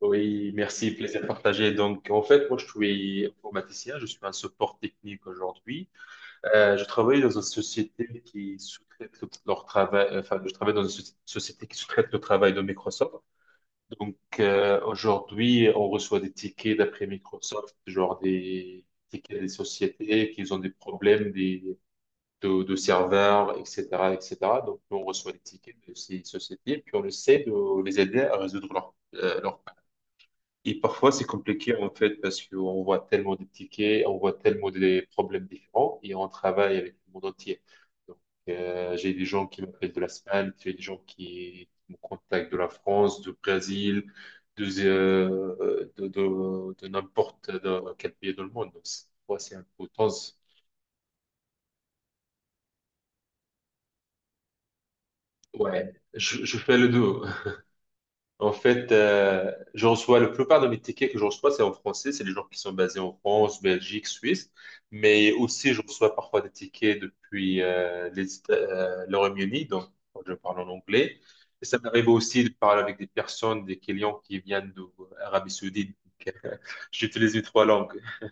Oui, merci, plaisir partagé. Donc, en fait, moi, je suis informaticien, je suis un support technique aujourd'hui. Je travaille dans une société qui sous-traite leur travail, enfin, je travaille dans une société qui sous-traite le travail de Microsoft. Donc, aujourd'hui, on reçoit des tickets d'après Microsoft, genre des tickets des sociétés qui ont des problèmes, de serveurs, etc. Donc, nous, on reçoit les tickets de ces sociétés, puis on essaie de les aider à résoudre leur. Et parfois, c'est compliqué, en fait, parce qu'on voit tellement de tickets, on voit tellement des problèmes différents, et on travaille avec le monde entier. Donc, j'ai des gens qui m'appellent de l'Espagne, j'ai des gens qui me contactent de la France, du Brésil, de n'importe dans quel pays dans le monde. Donc, c'est ouais, c'est un peu tense. Ouais, je fais le deux. En fait, je reçois la plupart de mes tickets que je reçois, c'est en français. C'est les gens qui sont basés en France, Belgique, Suisse. Mais aussi, je reçois parfois des tickets depuis le Royaume-Uni, donc je parle en anglais. Et ça m'arrive aussi de parler avec des personnes, des clients qui viennent d'Arabie Saoudite. Donc, j'utilise les trois langues.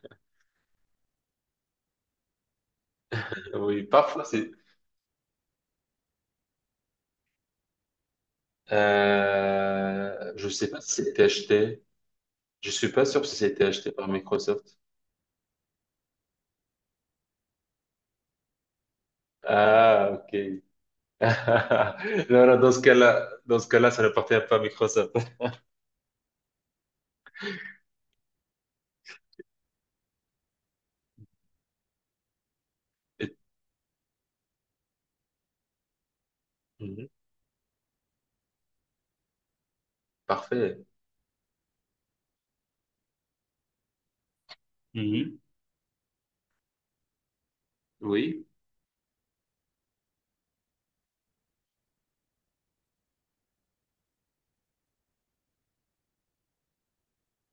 Oui, parfois, c'est. Je sais pas si c'était acheté. Je suis pas sûr si c'était acheté par Microsoft. Ah, ok. Non, non, dans ce cas-là, ça n'appartient pas à Microsoft. Et- Mhm. Parfait. Mhm. Oui.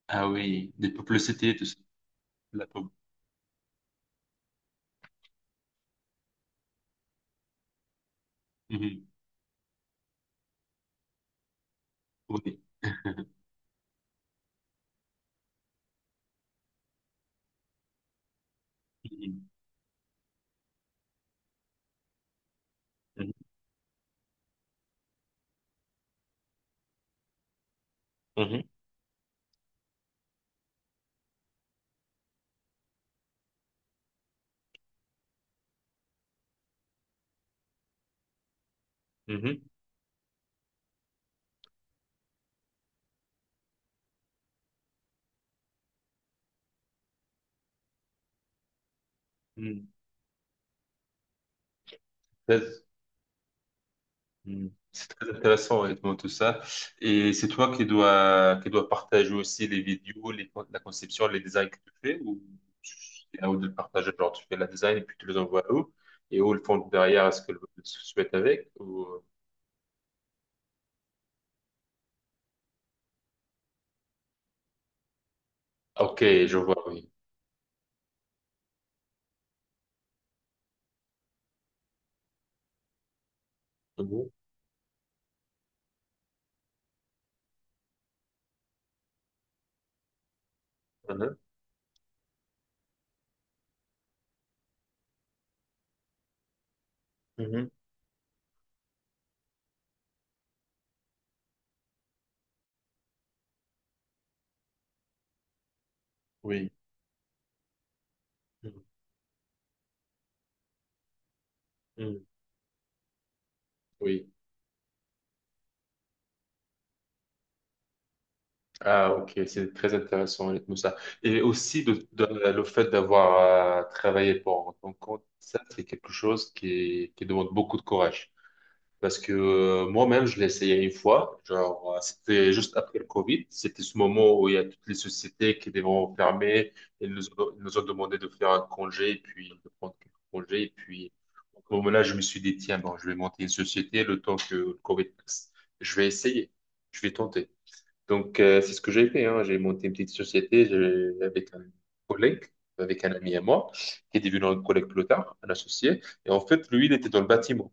Ah oui, des publicités, tout ça. La pub. Mhm. Oui. Mhm. Mhm. Mhm. Mhm. Très- mhm. C'est très intéressant, honnêtement, tout ça. Et c'est toi qui dois partager aussi les vidéos, la conception, les designs que tu fais, ou c'est à eux de le partager, genre tu fais la design et puis tu les envoies à eux, et eux, ils font derrière ce qu'ils souhaitent avec, ok, je vois, oui. Mhm, mhm, mhm, oui. Mhm, mhm, oui. Ah, ok, c'est très intéressant, honnêtement, ça. Et aussi, le fait d'avoir travaillé pour ton compte, ça, c'est quelque chose qui demande beaucoup de courage. Parce que moi-même, je l'ai essayé une fois. Genre, c'était juste après le Covid. C'était ce moment où il y a toutes les sociétés qui devront fermer. Ils nous ont demandé de faire un congé, et puis de prendre quelques congés. Et puis, au moment-là, je me suis dit, tiens, bon, je vais monter une société le temps que le Covid passe. Je vais essayer. Je vais tenter. Donc, c'est ce que j'ai fait. Hein. J'ai monté une petite société avec un collègue, avec un ami à moi, qui est devenu un collègue plus tard, un associé. Et en fait, lui, il était dans le bâtiment.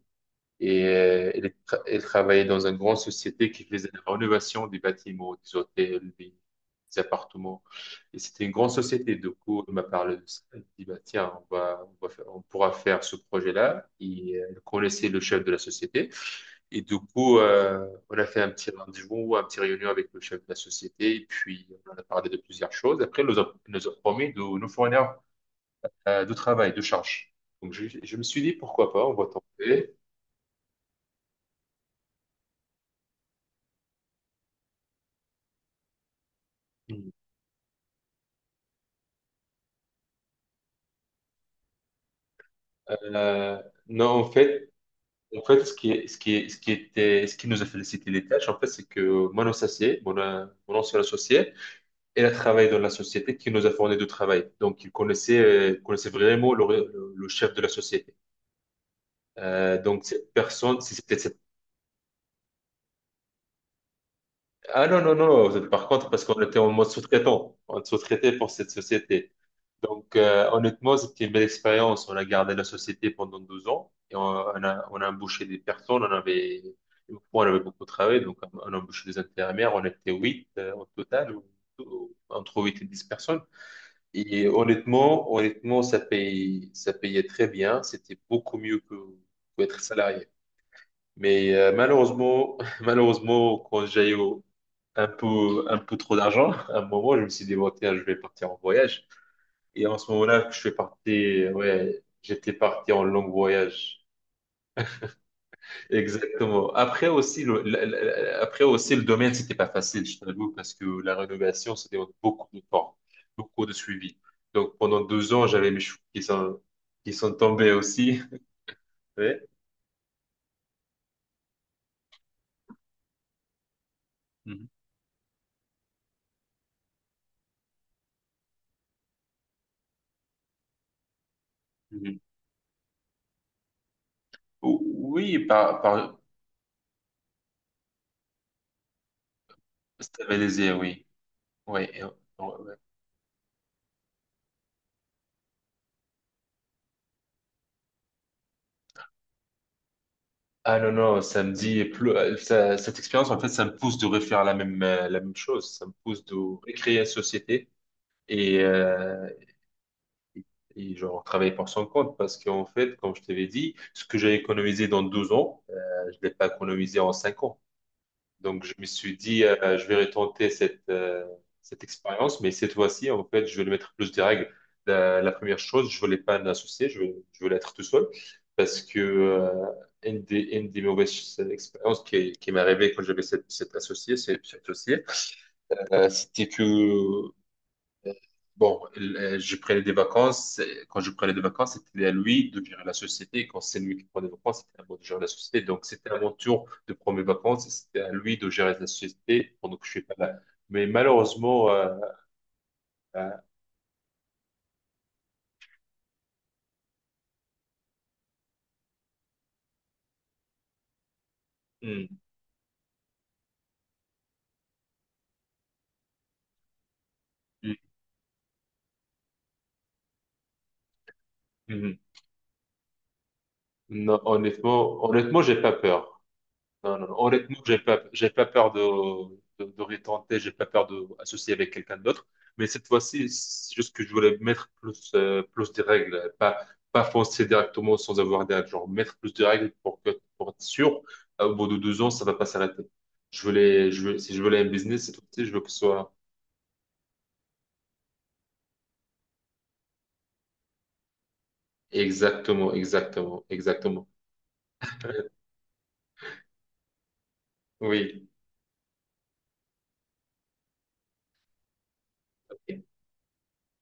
Et elle, elle travaillait dans une grande société qui faisait la rénovation des bâtiments, des hôtels, des appartements. Et c'était une grande société. Du coup, elle m'a parlé de ça. Elle dit, bah, tiens, on pourra faire ce projet-là. Et elle connaissait le chef de la société. Et du coup, on a fait un petit rendez-vous, un petit réunion avec le chef de la société. Et puis, on en a parlé de plusieurs choses. Après, elle nous a promis de nous fournir de travail, de charge. Donc, je me suis dit, pourquoi pas, on va tenter. Euh, non, en fait, ce qui, est- ce qui, est- ce qui était, ce qui nous a félicité les tâches, en fait, c'est que mon associé, mon ancien associé, il a travaillé dans la société qui nous a fourni du travail. Donc, il connaissait vraiment le chef de la société. Donc, cette personne, si c'était cette. Ah non, non, non, par contre, parce qu'on était en mode sous-traitant, on sous-traitait pour cette société. Donc, honnêtement, c'était une belle expérience. On a gardé la société pendant 12 ans et on a embauché des personnes. On avait beaucoup travaillé, donc on a embauché des intérimaires. On était 8 au total, entre 8 et 10 personnes. Et honnêtement, ça payait très bien. C'était beaucoup mieux que être salarié. Mais malheureusement, malheureusement, quand j'ai eu un peu trop d'argent, à un moment, je me suis dit, bon, tiens, je vais partir en voyage. Et en ce moment-là, je suis parti, ouais, j'étais parti en long voyage. Exactement. Après aussi, le domaine, c'était pas facile, je t'avoue, parce que la rénovation, ça demande beaucoup de temps, beaucoup de suivi. Donc pendant 2 ans, j'avais mes cheveux qui sont tombés aussi. Ouais. Mhm. Mhm. Oui, par stabilisé, oui. Ouais. Ouais. Ah non, non, ça me dit, pleu- ça- cette expérience, en fait, ça me pousse de refaire la même chose. Ça me pousse de recréer la société et, euh, et et genre travailler pour son compte parce qu'en fait, comme je t'avais dit, ce que j'ai économisé dans 12 ans, je ne l'ai pas économisé en 5 ans. Donc, je me suis dit, je vais retenter cette expérience, mais cette fois-ci, en fait, je vais lui mettre plus de règles. La première chose, je voulais pas un associé, je voulais être tout seul parce que une des mauvaises expériences qui m'est arrivée quand j'avais cette associée, c'était que bon, j'ai pris des vacances. Et quand je prenais des vacances, c'était à lui de gérer la société. Et quand c'est lui qui prend des vacances, c'était à moi de gérer la société. Donc, c'était à mon tour de prendre mes vacances. Et c'était à lui de gérer la société pendant que je suis pas là. Mais malheureusement, euh, hum, hum. Non, honnêtement, j'ai pas peur. Non, non, non. Honnêtement, j'ai pas peur de, retenter, j'ai pas peur de associer avec quelqu'un d'autre. Mais cette fois-ci, c'est juste que je voulais mettre plus des règles, pas foncer directement sans avoir des règles. Genre, mettre plus de règles pour être sûr, au bout de 2 ans, ça va pas s'arrêter. Je veux, si je voulais un business, cette fois-ci, je veux que ce soit exactement, exactement, exactement. Oui.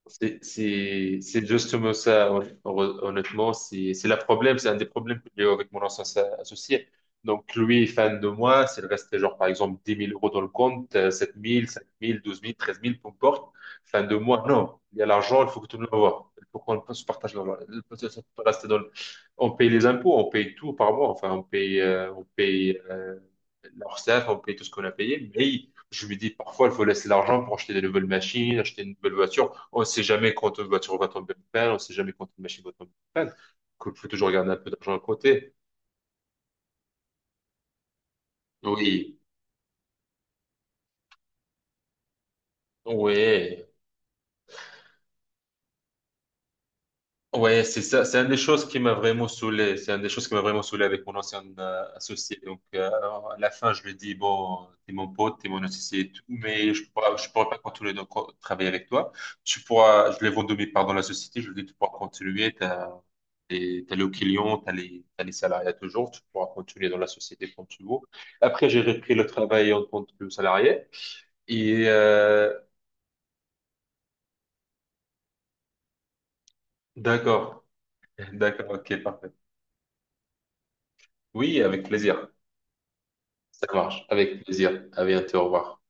C'est justement ça, honnêtement. C'est le problème, c'est un des problèmes que j'ai eu avec mon ancien associé. Donc, lui est fan de moi. S'il restait, genre, par exemple, 10 000 euros dans le compte, 7 000, 5 000, 12 000, 13 000, peu importe, fan de moi, non. Il y a l'argent, il faut que tout le monde voit. Il faut qu'on se partage l'argent. Il faut que ça peut rester dans le- On paye les impôts, on paye tout par mois. Enfin, on paye l'Orsaf, on paye tout ce qu'on a payé. Mais je me dis, parfois, il faut laisser l'argent pour acheter des nouvelles machines, acheter une nouvelle voiture. On sait jamais quand une voiture va tomber en panne, on sait jamais quand une machine va tomber en panne. Il faut toujours garder un peu d'argent à côté. Oui, oui. Ouais, c'est ça. C'est une des choses qui m'a vraiment saoulé. C'est une des choses qui m'a vraiment saoulé avec mon ancien associé. Donc, à la fin, je lui ai dit, bon, t'es mon pote, t'es mon associé et tout, mais je pourrais pas continuer de travailler avec toi. Je l'ai vendu mes parts dans la société. Je lui ai dit, tu pourras continuer. T'as le client, t'as les salariés toujours. Tu pourras continuer dans la société quand tu veux. Après, j'ai repris le travail en tant que salarié. Et, euh, d'accord. D'accord. OK, parfait. Oui, avec plaisir. Ça marche. Avec plaisir. À bientôt. Au revoir.